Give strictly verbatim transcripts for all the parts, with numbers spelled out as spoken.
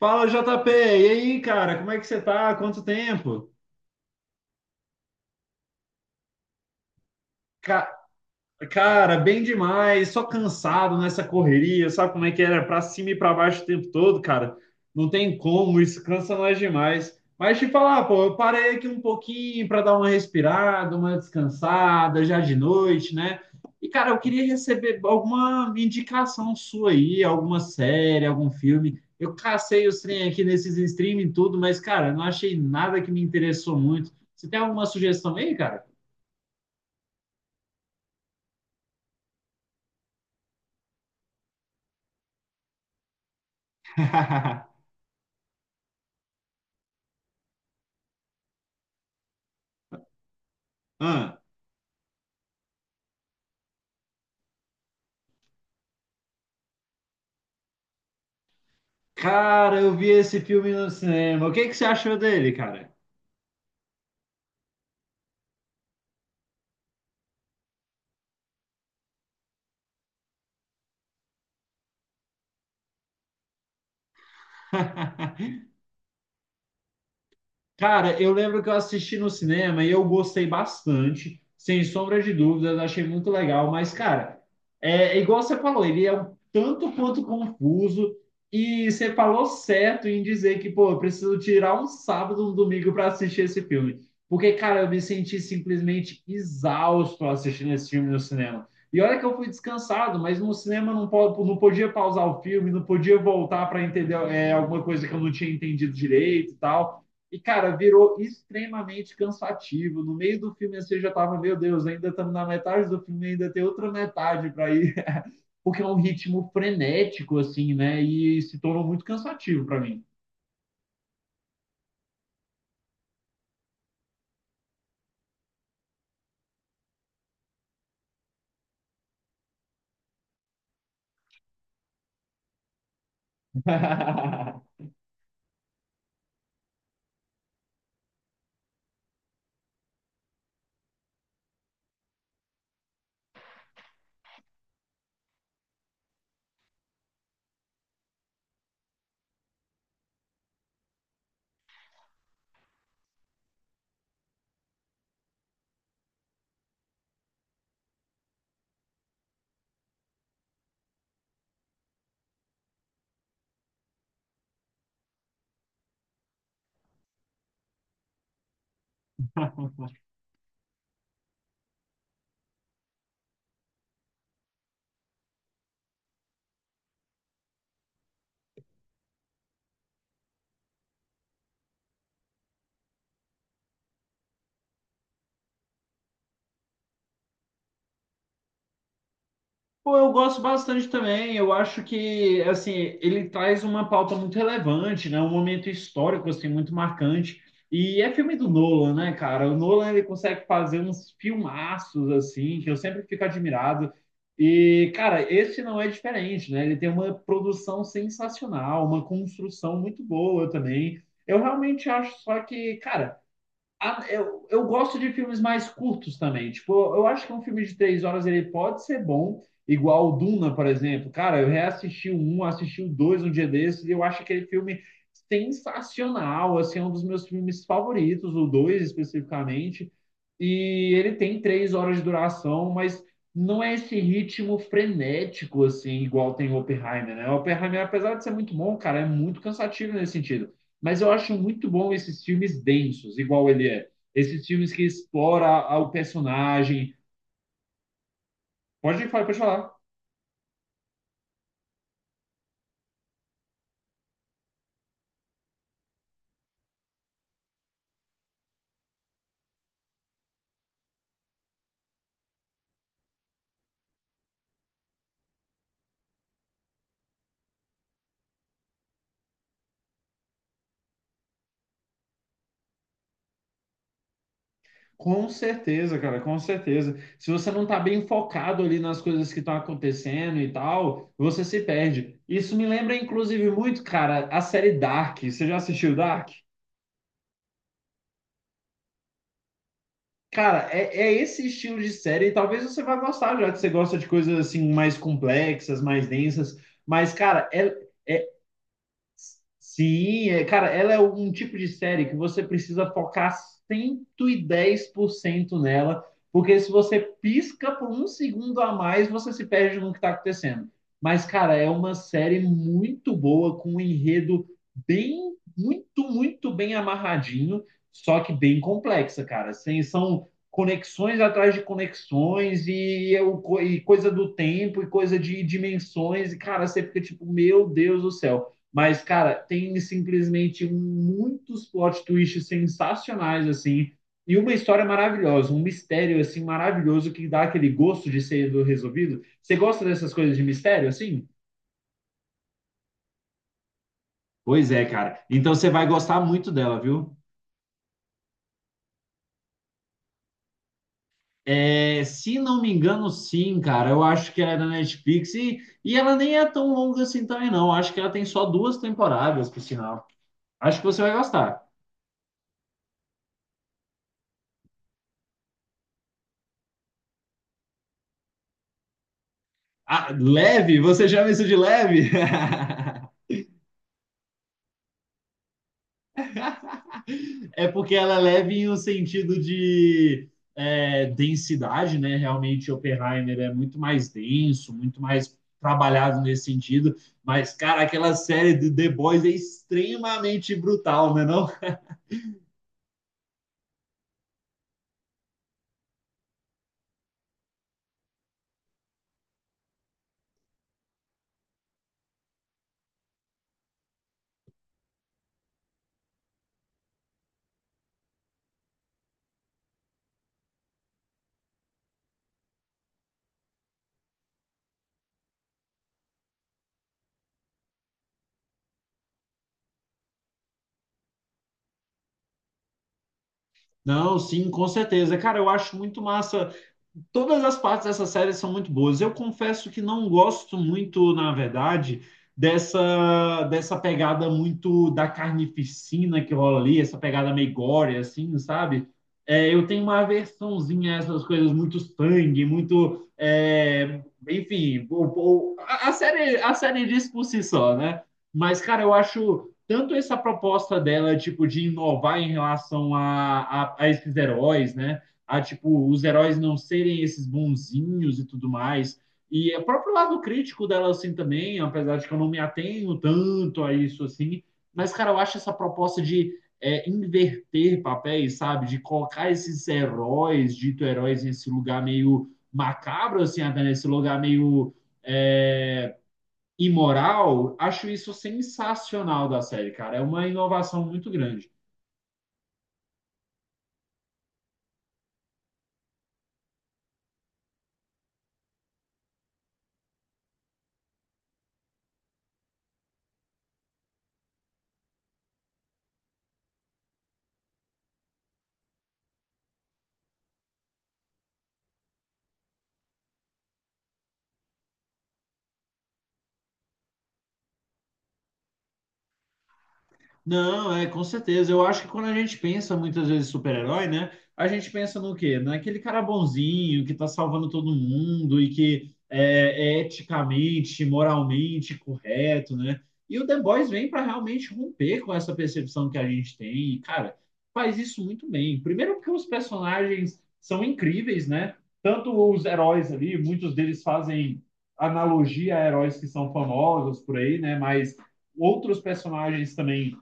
Fala, jota pê! E aí, cara, como é que você tá? Quanto tempo? Ca- Cara, bem demais, só cansado nessa correria, sabe como é que era? Pra cima e pra baixo o tempo todo, cara. Não tem como, isso cansa nós demais. Mas te falar, pô, eu parei aqui um pouquinho para dar uma respirada, uma descansada, já de noite, né? E, cara, eu queria receber alguma indicação sua aí, alguma série, algum filme. Eu cacei os trem aqui nesses streaming e tudo, mas, cara, não achei nada que me interessou muito. Você tem alguma sugestão aí, cara? Ah. Cara, eu vi esse filme no cinema. O que que você achou dele, cara? Cara, eu lembro que eu assisti no cinema e eu gostei bastante, sem sombra de dúvidas, achei muito legal, mas, cara, é é igual você falou, ele é um tanto quanto confuso e você falou certo em dizer que, pô, eu preciso tirar um sábado, um domingo para assistir esse filme, porque, cara, eu me senti simplesmente exausto assistindo esse filme no cinema. E olha que eu fui descansado, mas no cinema não, po- não podia pausar o filme, não podia voltar para entender é, alguma coisa que eu não tinha entendido direito e tal. E, cara, virou extremamente cansativo. No meio do filme, você já tava, meu Deus, ainda estamos na metade do filme, ainda tem outra metade para ir. Porque é um ritmo frenético, assim, né? E se tornou muito cansativo para mim. Pô, eu gosto bastante também. Eu acho que, assim, ele traz uma pauta muito relevante, né? Um momento histórico, assim, muito marcante. E é filme do Nolan, né, cara? O Nolan, ele consegue fazer uns filmaços, assim, que eu sempre fico admirado. E, cara, esse não é diferente, né? Ele tem uma produção sensacional, uma construção muito boa também. Eu realmente acho só que, cara, a- eu, eu gosto de filmes mais curtos também. Tipo, eu acho que um filme de três horas ele pode ser bom, igual o Duna, por exemplo. Cara, eu reassisti o um, assisti o dois um dia desses e eu acho aquele filme sensacional. Assim, é um dos meus filmes favoritos, o dois especificamente. E ele tem três horas de duração, mas não é esse ritmo frenético, assim, igual tem o Oppenheimer, né? O Oppenheimer, apesar de ser muito bom, cara, é muito cansativo nesse sentido. Mas eu acho muito bom esses filmes densos, igual ele é. Esses filmes que explora a- o personagem. Pode falar, pode falar. Com certeza, cara, com certeza. Se você não tá bem focado ali nas coisas que estão acontecendo e tal, você se perde. Isso me lembra, inclusive, muito, cara, a série Dark. Você já assistiu Dark? Cara, é, é esse estilo de série. E talvez você vá gostar, já que você gosta de coisas assim mais complexas, mais densas. Mas, cara, é, sim, é, cara, ela é um tipo de série que você precisa focar cento e dez por cento nela, porque se você pisca por um segundo a mais, você se perde no que está acontecendo. Mas, cara, é uma série muito boa, com um enredo bem, muito, muito bem amarradinho, só que bem complexa, cara. Assim, são conexões atrás de conexões e, eu- e coisa do tempo e coisa de dimensões, e, cara, você fica tipo, meu Deus do céu. Mas, cara, tem simplesmente muitos plot twists sensacionais, assim, e uma história maravilhosa, um mistério, assim, maravilhoso que dá aquele gosto de ser resolvido. Você gosta dessas coisas de mistério, assim? Pois é, cara. Então você vai gostar muito dela, viu? É, se não me engano, sim, cara. Eu acho que ela é da Netflix e, e ela nem é tão longa assim também, não. Acho que ela tem só duas temporadas, por sinal. Acho que você vai gostar. Ah, leve? Você chama isso de leve? É porque ela leva em um sentido de é, densidade, né? Realmente, Oppenheimer é muito mais denso, muito mais trabalhado nesse sentido. Mas, cara, aquela série de The Boys é extremamente brutal, né? Não, não, sim, com certeza. Cara, eu acho muito massa todas as partes dessa série são muito boas. Eu confesso que não gosto muito, na verdade, dessa dessa pegada muito da carnificina que rola ali, essa pegada meio gore, assim, sabe? É, eu tenho uma aversãozinha a essas coisas, muito sangue, muito. É, enfim, o- o- a, série, a série diz por si só, né? Mas, cara, eu acho tanto essa proposta dela, tipo, de inovar em relação a, a, a esses heróis, né? A tipo os heróis não serem esses bonzinhos e tudo mais. E é o próprio lado crítico dela assim também, apesar de que eu não me atenho tanto a isso assim, mas cara, eu acho essa proposta de é, inverter papéis, sabe, de colocar esses heróis, dito heróis nesse lugar meio macabro assim, até nesse lugar meio é, imoral, acho isso sensacional da série, cara. É uma inovação muito grande. Não, é, com certeza. Eu acho que quando a gente pensa muitas vezes em super-herói, né? A gente pensa no quê? Naquele cara bonzinho que tá salvando todo mundo e que é, é eticamente, moralmente correto, né? E o The Boys vem para realmente romper com essa percepção que a gente tem. E, cara, faz isso muito bem. Primeiro porque os personagens são incríveis, né? Tanto os heróis ali, muitos deles fazem analogia a heróis que são famosos por aí, né? Mas outros personagens também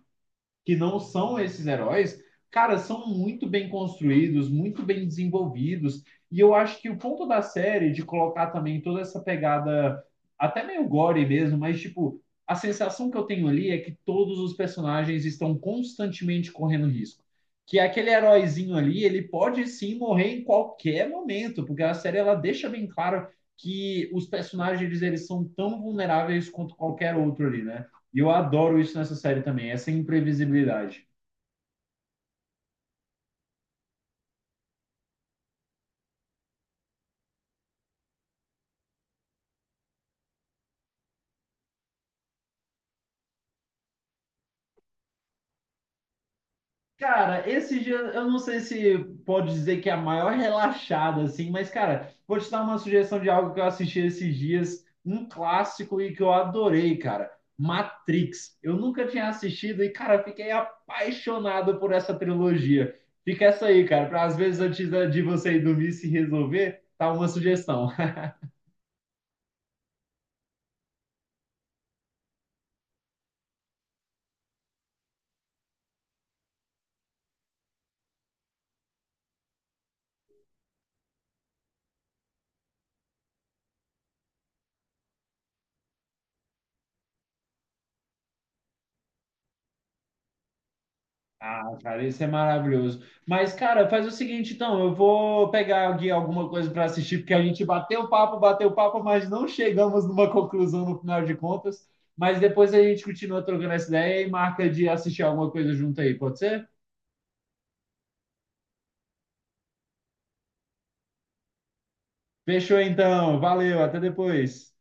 que não são esses heróis, cara, são muito bem construídos, muito bem desenvolvidos. E eu acho que o ponto da série de colocar também toda essa pegada, até meio gore mesmo, mas tipo, a sensação que eu tenho ali é que todos os personagens estão constantemente correndo risco. Que aquele heróizinho ali, ele pode sim morrer em qualquer momento, porque a série ela deixa bem claro que os personagens eles são tão vulneráveis quanto qualquer outro ali, né? E eu adoro isso nessa série também, essa imprevisibilidade. Cara, esse dia, eu não sei se pode dizer que é a maior relaxada, assim, mas, cara, vou te dar uma sugestão de algo que eu assisti esses dias, um clássico e que eu adorei, cara. Matrix. Eu nunca tinha assistido e, cara, fiquei apaixonado por essa trilogia. Fica essa aí, cara, para às vezes antes da- de você ir dormir se resolver, tá uma sugestão. Ah, cara, isso é maravilhoso. Mas, cara, faz o seguinte, então, eu vou pegar aqui alguma coisa para assistir, porque a gente bateu papo, bateu papo, mas não chegamos numa conclusão no final de contas. Mas depois a gente continua trocando essa ideia e marca de assistir alguma coisa junto aí, pode ser? Fechou então, valeu, até depois.